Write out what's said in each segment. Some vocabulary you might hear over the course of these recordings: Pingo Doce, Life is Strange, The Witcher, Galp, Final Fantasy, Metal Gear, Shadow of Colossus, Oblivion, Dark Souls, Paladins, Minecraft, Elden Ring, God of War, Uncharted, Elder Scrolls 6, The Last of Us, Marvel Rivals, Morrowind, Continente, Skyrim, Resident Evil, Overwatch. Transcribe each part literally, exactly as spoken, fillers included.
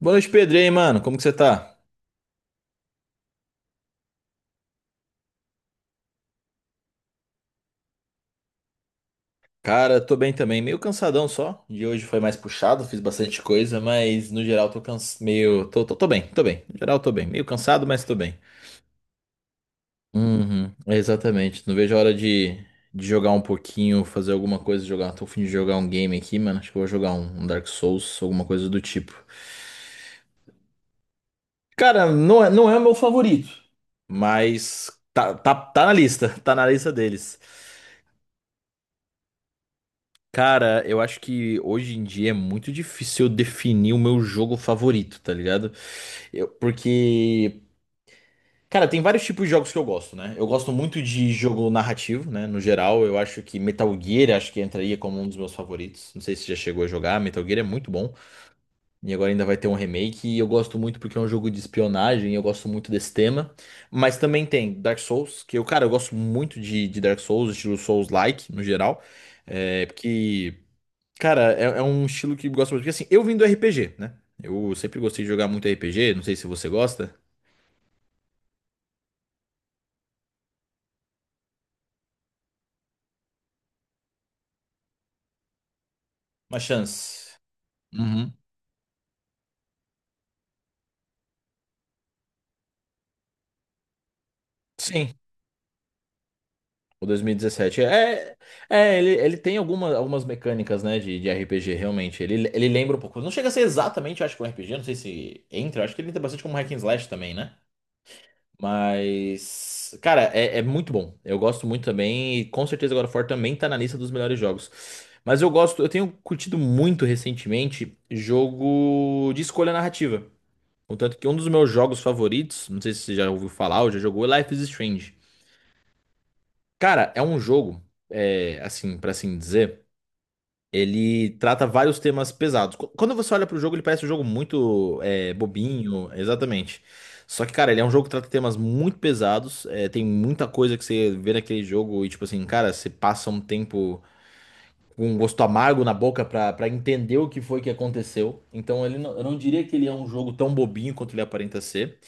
Boa noite, Pedro. E aí, mano? Como que você tá? Cara, tô bem também. Meio cansadão só. De hoje foi mais puxado, fiz bastante coisa, mas no geral tô cans... meio. Tô, tô, tô bem, tô bem. No geral tô bem. Meio cansado, mas tô bem. Uhum, exatamente. Não vejo a hora de, de jogar um pouquinho, fazer alguma coisa, jogar. Tô a fim de jogar um game aqui, mano. Acho que eu vou jogar um, um Dark Souls, alguma coisa do tipo. Cara, não é, não é o meu favorito, mas tá, tá, tá na lista. Tá na lista deles. Cara, eu acho que hoje em dia é muito difícil eu definir o meu jogo favorito, tá ligado? Eu- porque, cara, tem vários tipos de jogos que eu gosto, né? Eu gosto muito de jogo narrativo, né? No geral, eu acho que Metal Gear acho que entraria como um dos meus favoritos. Não sei se você já chegou a jogar, Metal Gear é muito bom. E agora ainda vai ter um remake. E eu gosto muito porque é um jogo de espionagem, eu gosto muito desse tema. Mas também tem Dark Souls, que eu, cara, eu gosto muito de, de Dark Souls, estilo Souls-like, no geral. É, porque. Cara, é, é um estilo que eu gosto muito. Porque assim, eu vim do R P G, né? Eu sempre gostei de jogar muito R P G, não sei se você gosta. Uma chance. Uhum. Sim. O dois mil e dezessete. É, é ele, ele tem alguma, algumas mecânicas, né, de, de R P G, realmente. Ele, ele lembra um pouco. Não chega a ser exatamente, eu acho, que um R P G, não sei se entra. Eu Acho que ele entra bastante como hack and slash também, né? Mas, cara, é, é muito bom. Eu gosto muito também. E com certeza God of War também tá na lista dos melhores jogos. Mas eu gosto, eu tenho curtido muito recentemente jogo de escolha narrativa. Contanto que um dos meus jogos favoritos, não sei se você já ouviu falar ou já jogou, é Life is Strange. Cara, é um jogo, é, assim, pra assim dizer. Ele trata vários temas pesados. Qu- Quando você olha pro jogo, ele parece um jogo muito é, bobinho, exatamente. Só que, cara, ele é um jogo que trata temas muito pesados. É, tem muita coisa que você vê naquele jogo e, tipo assim, cara, você passa um tempo com um gosto amargo na boca pra, pra entender o que foi que aconteceu. Então, ele não- eu não diria que ele é um jogo tão bobinho quanto ele aparenta ser.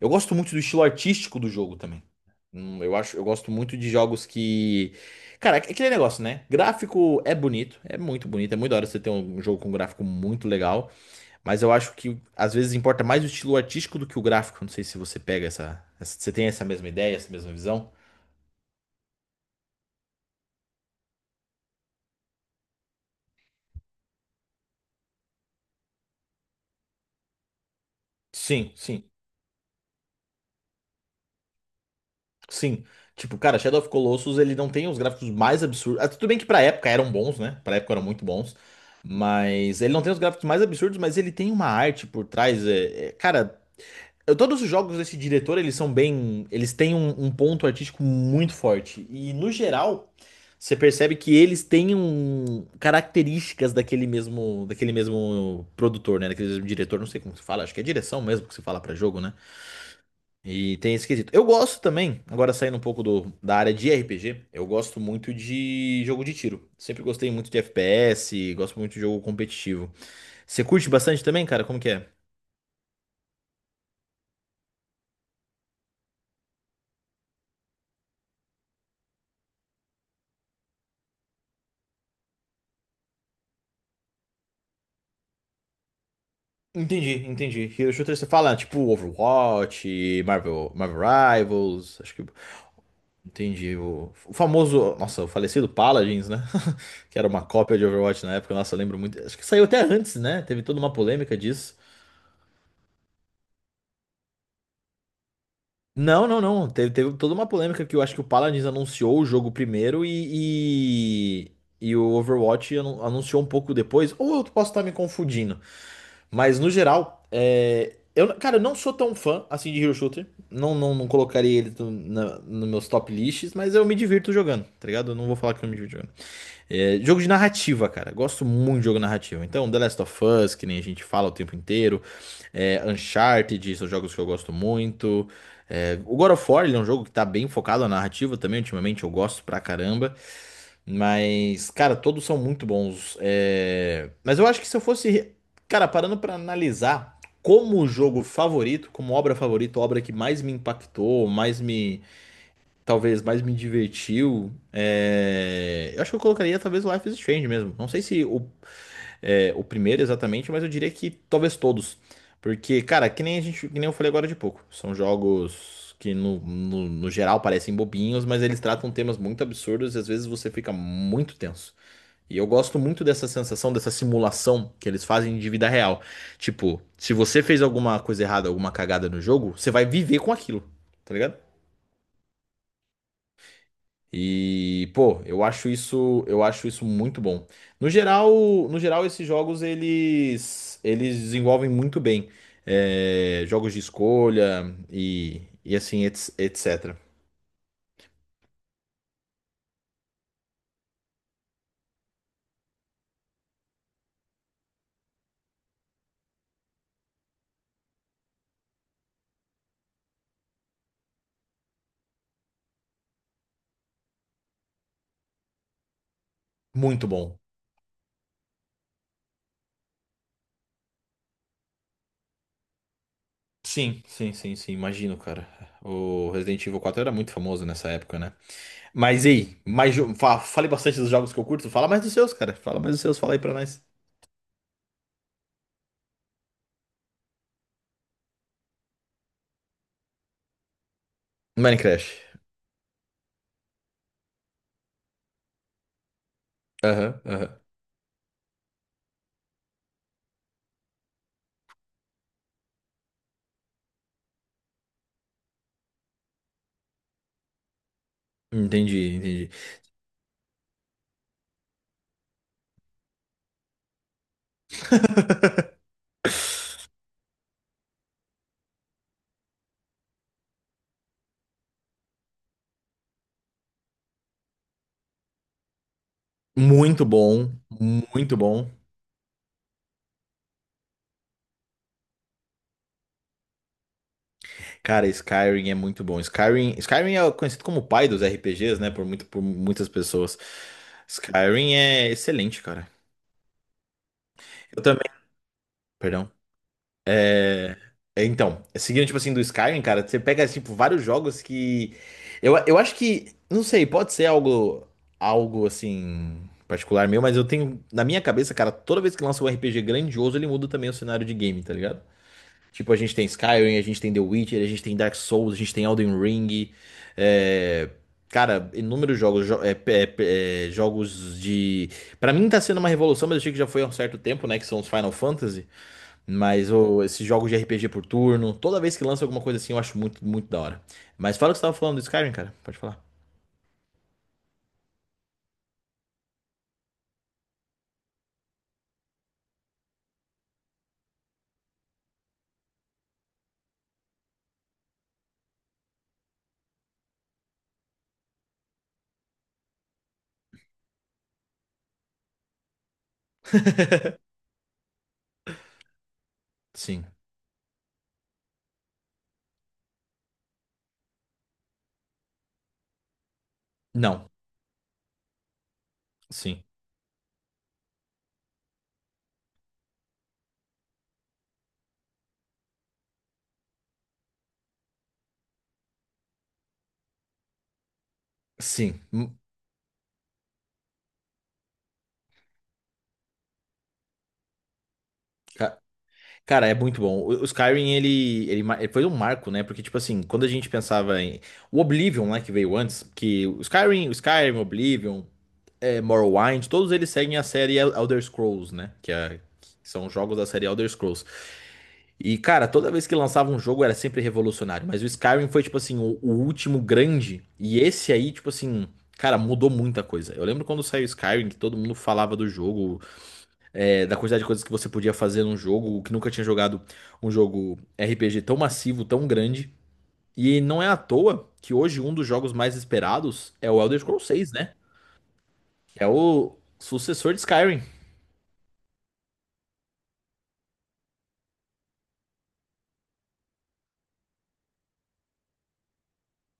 Eu gosto muito do estilo artístico do jogo também. Hum, Eu acho, eu gosto muito de jogos que. Cara, é aquele negócio, né? Gráfico é bonito, é muito bonito, é muito da hora você ter um jogo com um gráfico muito legal, mas eu acho que às vezes importa mais o estilo artístico do que o gráfico. Não sei se você pega essa, essa- você tem essa mesma ideia, essa mesma visão? Sim, sim, sim. Tipo, cara, Shadow of Colossus, ele não tem os gráficos mais absurdos. Ah, tudo bem que pra época eram bons, né? Pra época eram muito bons. Mas ele não tem os gráficos mais absurdos, mas ele tem uma arte por trás. É- é- cara, Eu- todos os jogos desse diretor, eles são bem. Eles têm um, um ponto artístico muito forte. E, no geral, você percebe que eles têm um, características daquele mesmo, daquele mesmo produtor, né? Daquele mesmo diretor, não sei como se fala, acho que é direção mesmo que se fala pra jogo, né? E tem esse quesito. Eu gosto também, agora saindo um pouco do, da área de R P G, eu gosto muito de jogo de tiro. Sempre gostei muito de F P S, gosto muito de jogo competitivo. Você curte bastante também, cara? Como que é? Entendi, entendi. Hero Shooter você fala, tipo, Overwatch, Marvel, Marvel Rivals, acho que. Entendi. O, o famoso. Nossa, o falecido Paladins, né? Que era uma cópia de Overwatch na época, nossa, eu lembro muito. Acho que saiu até antes, né? Teve toda uma polêmica disso. Não, não, não. Teve, teve toda uma polêmica que eu acho que o Paladins anunciou o jogo primeiro e. E, e o Overwatch anu- anunciou um pouco depois. Ou eu posso estar me confundindo. Mas no geral, é, eu, cara, eu não sou tão fã assim de Hero Shooter. Não, não, não colocaria ele no, na- nos meus top lists, mas eu me divirto jogando, tá ligado? Eu não vou falar que eu me divirto jogando. É, jogo de narrativa, cara. Gosto muito de jogo narrativo. Então, The Last of Us, que nem a gente fala o tempo inteiro. É, Uncharted, são jogos que eu gosto muito. É, o God of War, ele é um jogo que tá bem focado na narrativa também. Ultimamente eu gosto pra caramba. Mas, cara, todos são muito bons. É, Mas eu acho que se eu fosse, cara, parando pra analisar como jogo favorito, como obra favorita, obra que mais me impactou, mais me, talvez mais me divertiu, é, eu acho que eu colocaria talvez o Life is Strange mesmo. Não sei se o é, o primeiro exatamente, mas eu diria que talvez todos. Porque, cara, que nem a gente, que nem eu falei agora de pouco. São jogos que no, no, no geral parecem bobinhos, mas eles tratam temas muito absurdos e às vezes você fica muito tenso. E eu gosto muito dessa sensação, dessa simulação que eles fazem de vida real. Tipo, se você fez alguma coisa errada, alguma cagada no jogo, você vai viver com aquilo, tá ligado? E, pô, eu acho isso, eu acho isso muito bom. No geral, no geral esses jogos eles eles desenvolvem muito bem é, jogos de escolha e, e assim, ets- etcétera. Muito bom. Sim, sim, sim, sim, imagino, cara. O Resident Evil quatro era muito famoso nessa época, né? Mas e aí? Mais, jo- fa- falei bastante dos jogos que eu curto. Fala mais dos seus, cara. Fala mais dos seus, fala aí pra nós. Minecraft. Aham, aham. Entendi, entendi. Muito bom, muito bom. Cara, Skyrim é muito bom. Skyrim, Skyrim é conhecido como o pai dos R P Gs, né? Por muito, por muitas pessoas. Skyrim é excelente, cara. Eu também. Perdão. É... é, então, seguindo, tipo assim, do Skyrim, cara, você pega, tipo, vários jogos que. Eu, eu acho que. Não sei, pode ser algo. Algo assim. Particular meu, mas eu tenho. Na minha cabeça, cara, toda vez que lança um R P G grandioso, ele muda também o cenário de game, tá ligado? Tipo, a gente tem Skyrim, a gente tem The Witcher, a gente tem Dark Souls, a gente tem Elden Ring. é, Cara, inúmeros jogos, jo- é, é, é, jogos de. Pra mim tá sendo uma revolução, mas eu achei que já foi há um certo tempo, né? Que são os Final Fantasy. Mas ô, esses jogos de R P G por turno, toda vez que lança alguma coisa assim, eu acho muito, muito da hora. Mas fala o que você tava falando do Skyrim, cara. Pode falar. Sim. Não. Sim. Sim. Hum, ca- Cara, é muito bom. O o Skyrim, ele, ele, ma- ele foi um marco, né? Porque, tipo assim, quando a gente pensava em... O Oblivion, né, que veio antes, que o Skyrim, o Skyrim, Oblivion, é, Morrowind, todos eles seguem a série El- Elder Scrolls, né? Que, é, que são jogos da série Elder Scrolls. E, cara, toda vez que lançava um jogo era sempre revolucionário. Mas o Skyrim foi, tipo assim, o, o último grande. E esse aí, tipo assim... Cara, mudou muita coisa. Eu lembro quando saiu o Skyrim, que todo mundo falava do jogo é, da quantidade de coisas que você podia fazer num jogo, que nunca tinha jogado um jogo R P G tão massivo, tão grande. E não é à toa que hoje um dos jogos mais esperados é o Elder Scrolls seis, né? Que é o sucessor de Skyrim.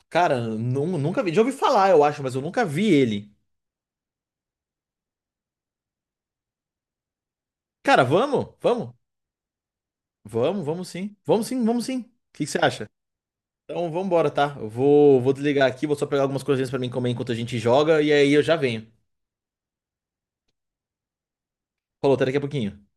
Cara, nu- nunca vi. Já ouvi falar, eu acho, mas eu nunca vi ele. Cara, vamos? Vamos? Vamos, vamos sim. Vamos sim, vamos sim. O que que você acha? Então, vambora, tá? Eu vou, vou desligar aqui, vou só pegar algumas coisinhas pra mim comer enquanto a gente joga, e aí eu já venho. Falou, até daqui a pouquinho.